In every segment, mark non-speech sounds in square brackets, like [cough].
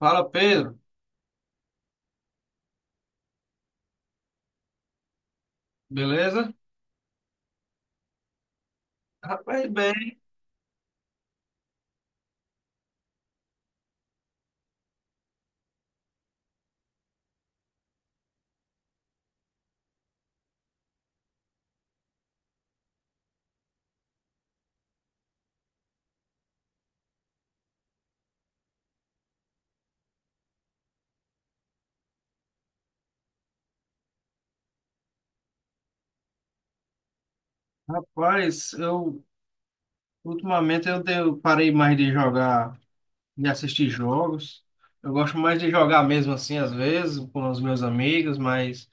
Fala, Pedro. Beleza? Rapaz, bem. Rapaz, eu ultimamente eu tenho- parei mais de jogar, de assistir jogos. Eu gosto mais de jogar mesmo assim, às vezes, com os meus amigos, mas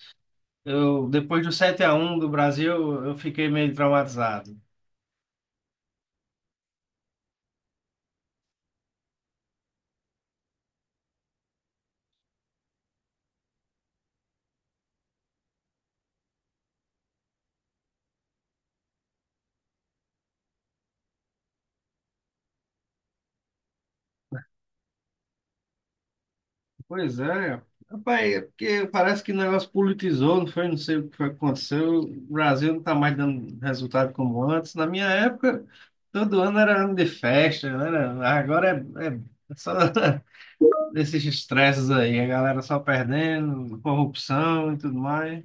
eu depois do 7-1 do Brasil, eu fiquei meio traumatizado. Pois é, rapaz, é porque parece que o negócio politizou, não foi? Não sei o que foi que aconteceu. O Brasil não está mais dando resultado como antes. Na minha época, todo ano era ano de festa, né? Agora é só [laughs] esses estresses aí, a galera só perdendo, corrupção e tudo mais.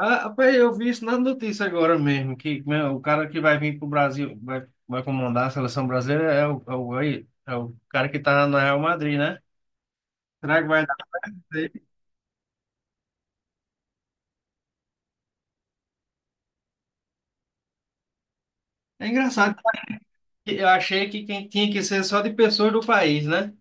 Ah, rapaz, eu vi isso na notícia agora mesmo, que né, o cara que vai vir para o Brasil, vai comandar a seleção brasileira é o cara que está na Real Madrid, né? Será que vai dar isso aí? É engraçado. Eu achei que quem tinha que ser só de pessoas do país, né?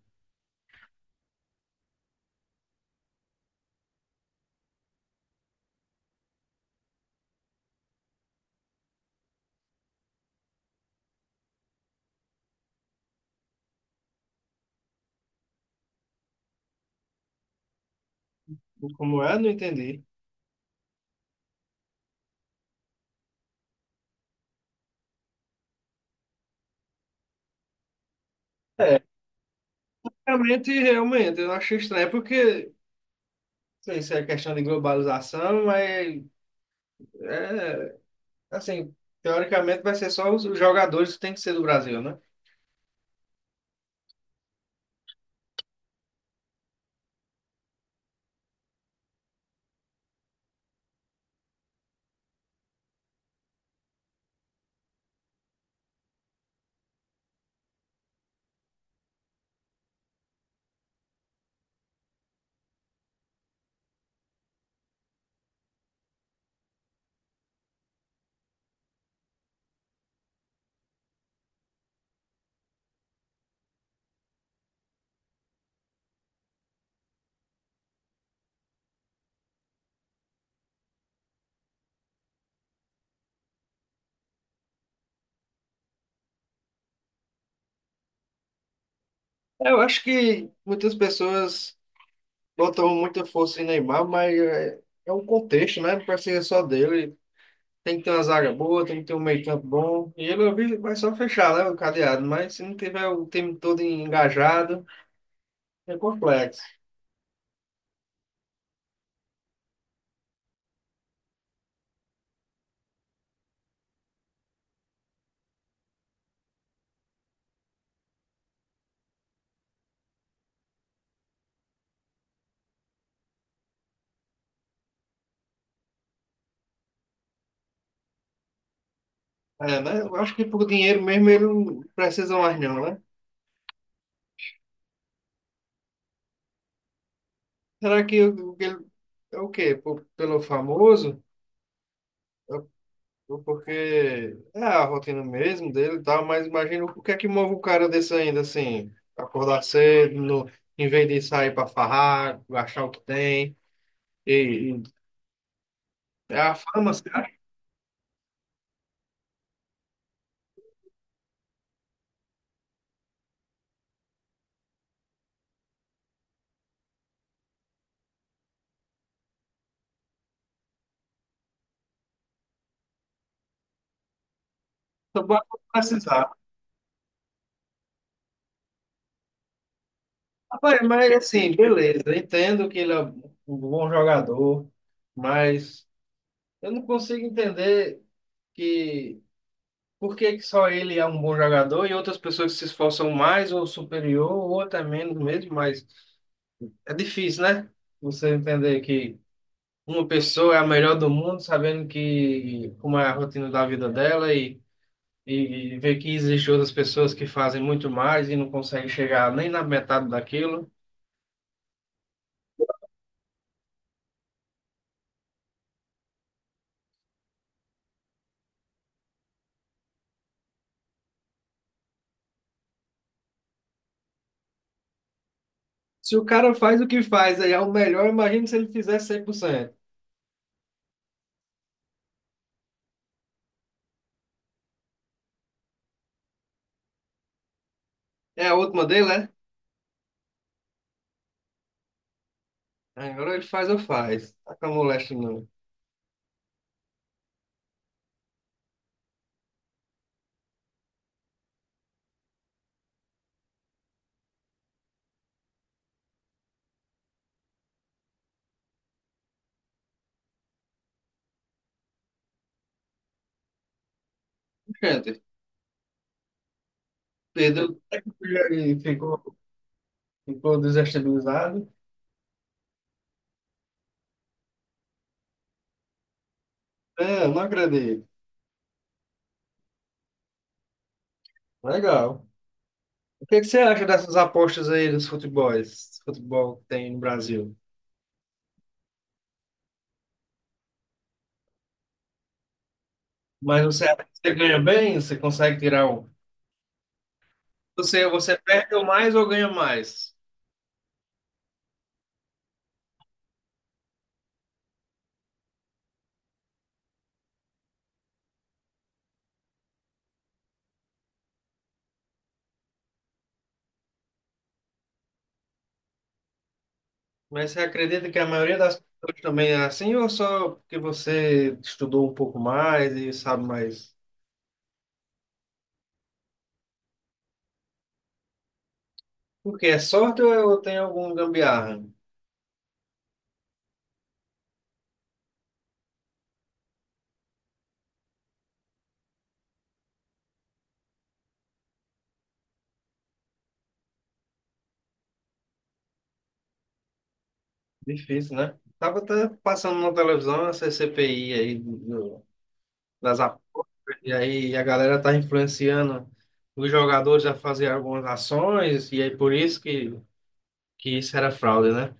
Como é? Não entendi. É, realmente, eu achei estranho, porque, não sei se é questão de globalização, mas, é, assim, teoricamente vai ser só os jogadores que tem que ser do Brasil, né? É, eu acho que muitas pessoas botam muita força em Neymar, mas é um contexto, né? Não pode ser só dele. Tem que ter uma zaga boa, tem que ter um meio-campo bom. E ele eu vi, vai só fechar, né, o cadeado, mas se não tiver o time todo engajado. É complexo. É, né? Eu acho que por dinheiro mesmo ele não precisa mais não, né? Será que o que ele é o quê? Por- pelo famoso? Ou porque é a rotina mesmo dele e tal, mas imagina o que é que move um cara desse ainda assim, acordar cedo, no, em vez de sair pra farrar, achar o que tem. E é a fama, cara. Acho só vai precisar. Rapaz, mas assim, beleza, eu entendo que ele é um bom jogador, mas eu não consigo entender, que por que que só ele é um bom jogador e outras pessoas que se esforçam mais ou superior ou até menos mesmo, mas é difícil, né? Você entender que uma pessoa é a melhor do mundo, sabendo que como é a rotina da vida dela. E ver que existem outras pessoas que fazem muito mais e não conseguem chegar nem na metade daquilo. Se o cara faz o que faz, aí é o melhor, imagina se ele fizer 100%. É a última dele, né? Agora ele faz ou faz. Tá com a moléstia não. Gente, Pedro, e ficou desestabilizado. É, não acredito. Legal. O que é que você acha dessas apostas aí dos futebols, futebol que tem no Brasil? Mas você acha que você ganha bem? Você consegue tirar um? Você perde ou mais ou ganha mais? Mas você acredita que a maioria das pessoas também é assim ou só porque você estudou um pouco mais e sabe mais? Porque é sorte ou é- ou tem algum gambiarra? Difícil, né? Tava até passando na televisão essa CPI aí das apostas, e aí a galera tá influenciando os jogadores a fazer algumas ações, e aí por isso que isso era fraude, né?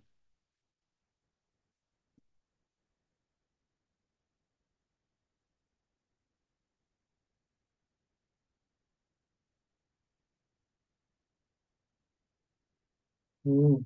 Hum,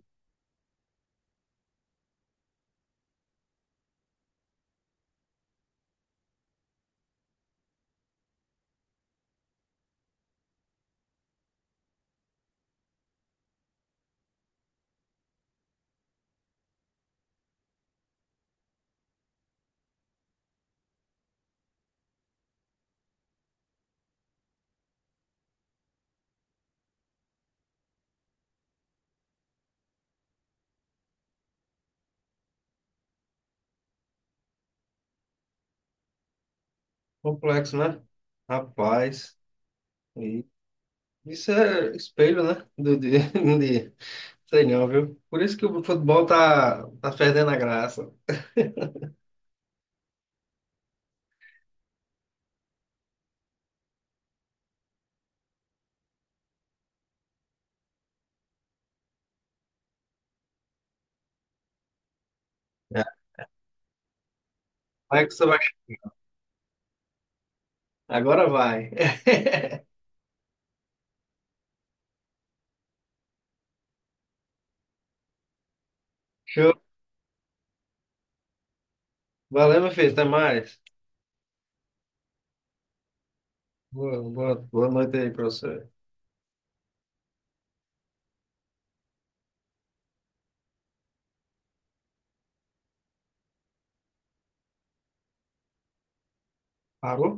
Complexo, né? Rapaz, e isso é espelho, né? Do, de, [laughs] de, sei não, viu? Por isso que o futebol tá perdendo a graça. É. Vai que você vai. Agora vai. [laughs] Show. Valeu, meu filho. Até mais. Boa, boa, boa noite aí para você. Parou?